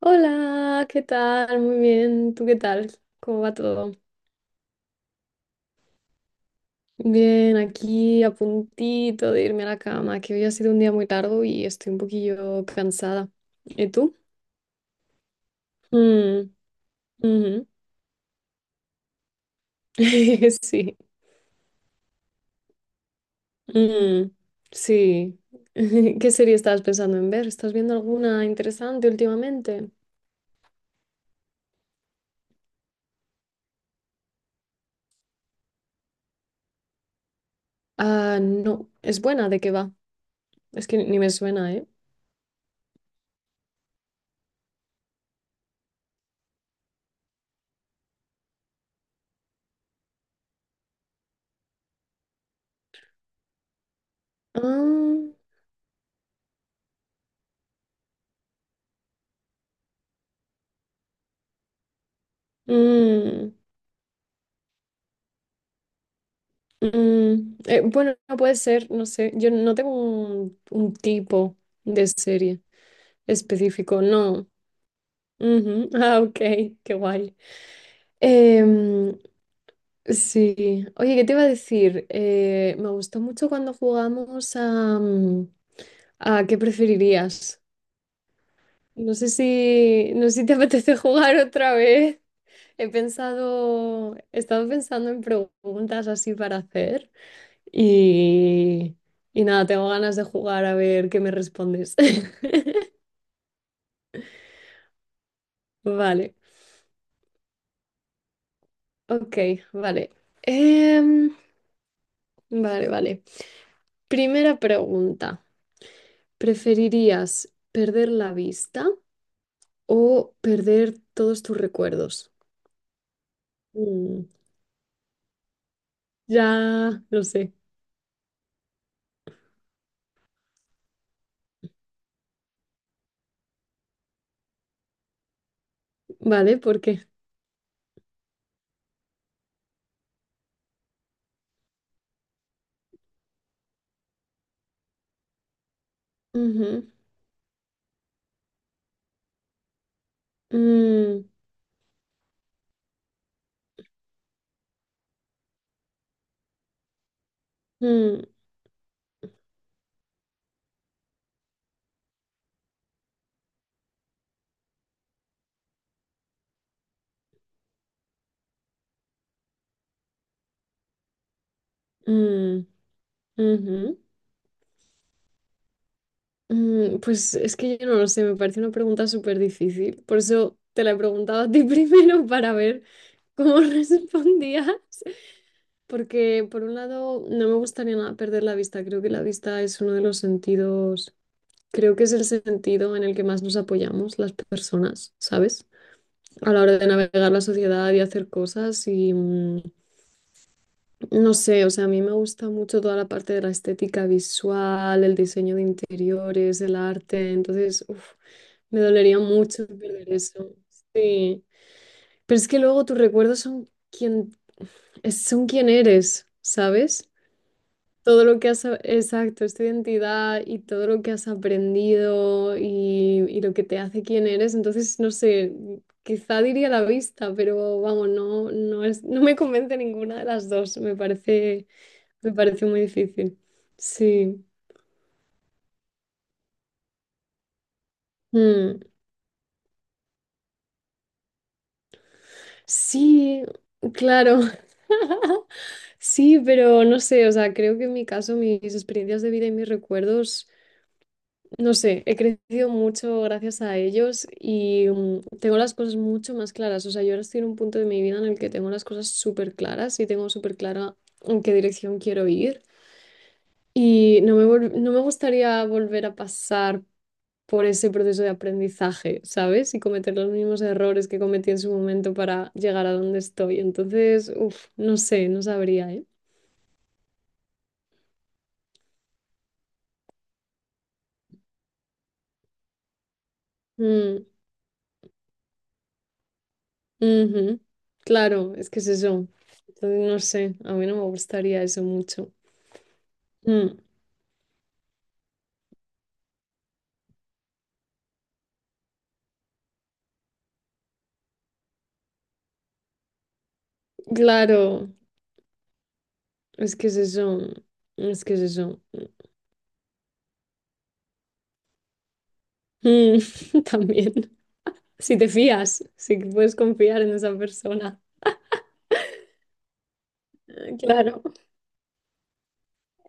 Hola, ¿qué tal? Muy bien, ¿tú qué tal? ¿Cómo va todo? Bien, aquí a puntito de irme a la cama, que hoy ha sido un día muy largo y estoy un poquillo cansada. ¿Y tú? Mm, ujú. Sí, mm, sí. ¿Qué serie estabas pensando en ver? ¿Estás viendo alguna interesante últimamente? Ah, no, es buena, ¿de qué va? Es que ni me suena, ¿eh? Ah, mm, mm, bueno, no puede ser, no sé. Yo no tengo un tipo de serie específico, no. Ujú, ah, ok, qué guay. Em, sí. Oye, ¿qué te iba a decir? Me gustó mucho cuando jugamos a ¿qué preferirías? No sé si te apetece jugar otra vez. He estado pensando en preguntas así para hacer. Y, y nada, tengo ganas de jugar a ver qué me respondes. Vale, ok, vale. Em, vale, vale. Primera pregunta. ¿Preferirías perder la vista o perder todos tus recuerdos? Mm, ya lo sé. Vale, ¿por qué? Ujú. Mm, mm, mm, ujú. Pues es que yo no lo sé, me parece una pregunta súper difícil. Por eso te la he preguntado a ti primero para ver cómo respondías. Porque por un lado no me gustaría nada perder la vista. Creo que la vista es uno de los sentidos, creo que es el sentido en el que más nos apoyamos las personas, ¿sabes? A la hora de navegar la sociedad y hacer cosas y no sé, o sea, a mí me gusta mucho toda la parte de la estética visual, el diseño de interiores, el arte, entonces, uff. Me dolería mucho perder eso. Sí. Pero es que luego tus recuerdos son quien, son quien eres, ¿sabes? Todo lo que has, a- Exacto, es tu identidad y todo lo que has aprendido y lo que te hace quien eres. Entonces, no sé, quizá diría la vista, pero vamos, no, no es, no me convence ninguna de las dos. Me parece muy difícil. Sí. Mm. Sí, claro. Sí, pero no sé, o sea, creo que en mi caso mis experiencias de vida y mis recuerdos, no sé, he crecido mucho gracias a ellos y tengo las cosas mucho más claras. O sea, yo ahora estoy en un punto de mi vida en el que tengo las cosas súper claras y tengo súper clara en qué dirección quiero ir. Y no me gustaría volver a pasar por ese proceso de aprendizaje, ¿sabes? Y cometer los mismos errores que cometí en su momento para llegar a donde estoy. Entonces, uff, no sé, no sabría, ¿eh? Mm, ujú. Claro, es que es eso. Entonces, no sé, a mí no me gustaría eso mucho. Mm, claro, es que es eso. Es que es eso. Mm, también. Si te fías, si puedes confiar en esa persona. Claro,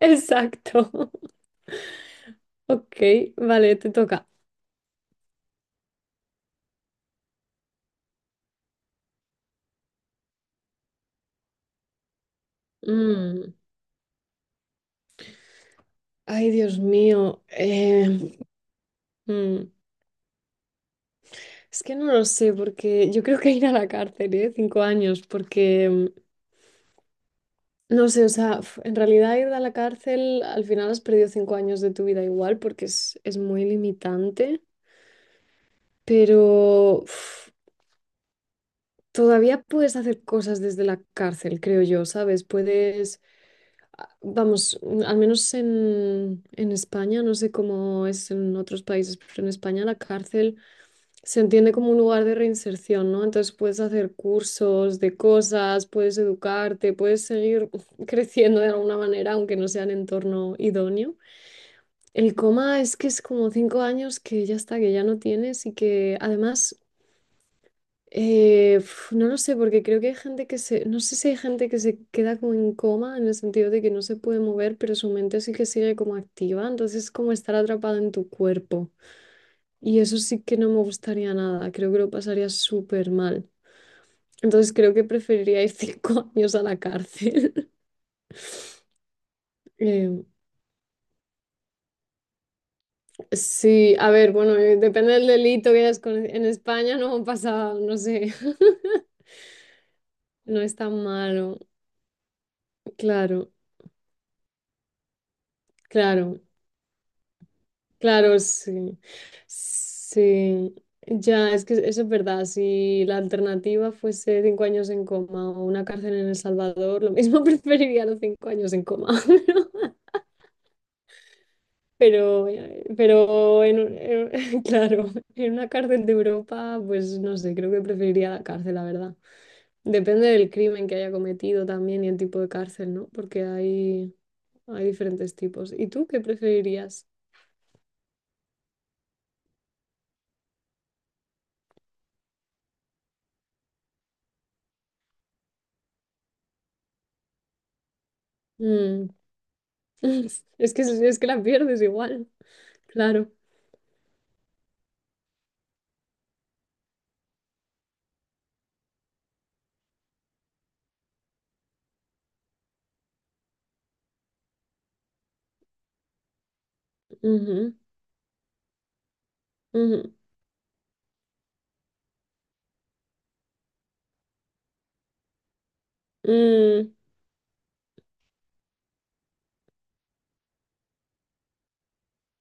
exacto. Ok, vale, te toca. Mm, Ay, Dios mío. Mm, es que no lo sé, porque yo creo que ir a la cárcel, ¿eh? 5 años, porque no sé, o sea, en realidad ir a la cárcel, al final has perdido 5 años de tu vida igual, porque es muy limitante, pero uf, todavía puedes hacer cosas desde la cárcel, creo yo, ¿sabes? Puedes, vamos, al menos en España, no sé cómo es en otros países, pero en España la cárcel, se entiende como un lugar de reinserción, ¿no? Entonces puedes hacer cursos de cosas, puedes educarte, puedes seguir creciendo de alguna manera, aunque no sea en entorno idóneo. El coma es que es como 5 años que ya está, que ya no tienes y que además, uf, no lo sé, porque creo que hay gente que se, no sé si hay gente que se queda como en coma en el sentido de que no se puede mover, pero su mente sí que sigue como activa, entonces es como estar atrapada en tu cuerpo. Y eso sí que no me gustaría nada, creo que lo pasaría súper mal. Entonces creo que preferiría ir cinco años a la cárcel. Eh, sí, a ver, bueno, depende del delito que hayas con... En España no pasa, no sé, no es tan malo. Claro, claro, claro, sí. Sí, ya, es que eso es verdad. Si la alternativa fuese 5 años en coma o una cárcel en El Salvador, lo mismo preferiría los 5 años en coma. Pero claro, en una cárcel de Europa, pues no sé, creo que preferiría la cárcel, la verdad. Depende del crimen que haya cometido también y el tipo de cárcel, ¿no? Porque hay diferentes tipos. ¿Y tú qué preferirías? Mm, Es que la pierdes igual, claro. Ujú, ujú,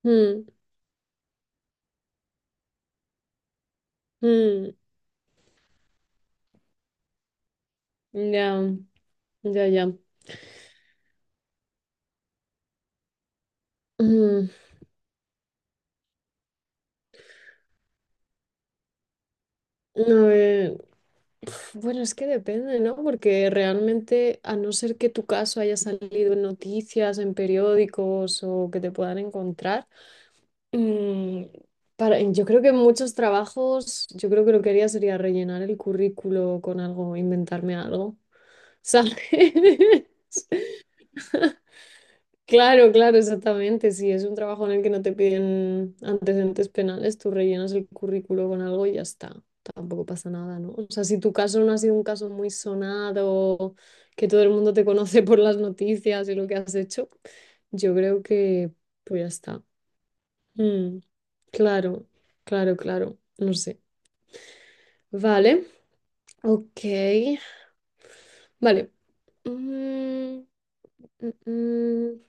mm, mm, mm, ya, ya, ya. Mm, a ver, bueno, es que depende, ¿no? Porque realmente, a no ser que tu caso haya salido en noticias, en periódicos o que te puedan encontrar, mm, yo creo que en muchos trabajos, yo creo que lo que haría sería rellenar el currículo con algo, inventarme algo, ¿sabes? Claro, claro, exactamente. Si es un trabajo en el que no te piden antecedentes penales, tú rellenas el currículo con algo y ya está. Tampoco pasa nada, ¿no? O sea, si tu caso no ha sido un caso muy sonado, que todo el mundo te conoce por las noticias y lo que has hecho, yo creo que pues ya está. Mm, claro, claro, claro. No sé. Vale, ok. Vale. Mm, mm, mm.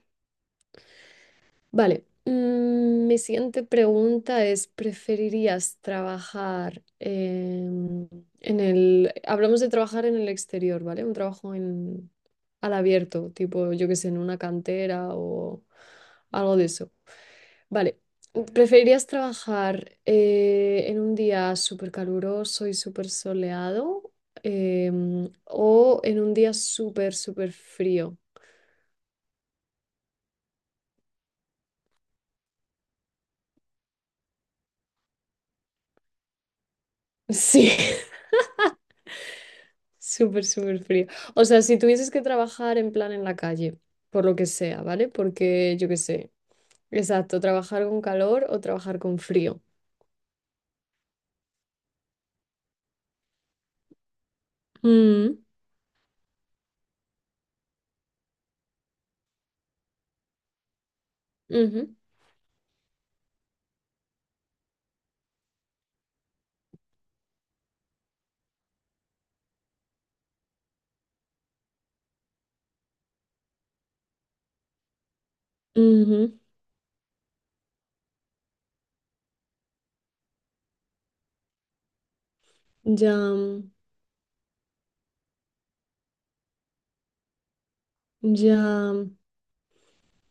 Vale, mi siguiente pregunta es, ¿preferirías trabajar en el... Hablamos de trabajar en el exterior, ¿vale? Un trabajo al abierto, tipo, yo qué sé, en una cantera o algo de eso. Vale, ¿preferirías trabajar en un día súper caluroso y súper soleado o en un día súper, súper frío? Sí. Súper, súper frío. O sea, si tuvieses que trabajar en plan en la calle, por lo que sea, ¿vale? Porque yo qué sé. Exacto, trabajar con calor o trabajar con frío. Mm, ujú, ujú. Ya, ya,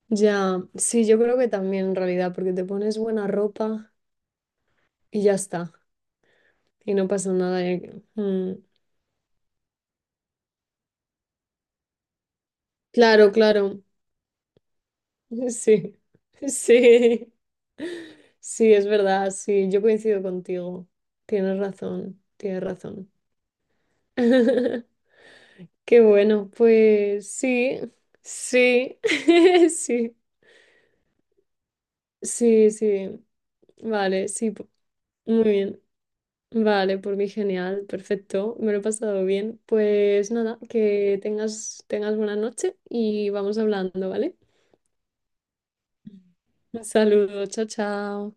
ya. Sí, yo creo que también en realidad, porque te pones buena ropa y ya está. Y no pasa nada. Mm. Claro, claro. Sí, sí, sí, es verdad, sí, yo coincido contigo. Tienes razón, tienes razón. Qué bueno, pues sí, sí, sí, sí, sí. Vale, sí, muy bien. Vale, por mí genial, perfecto, me lo he pasado bien. Pues nada, que tengas buena noche y vamos hablando, ¿vale? Un saludo, chao, chao.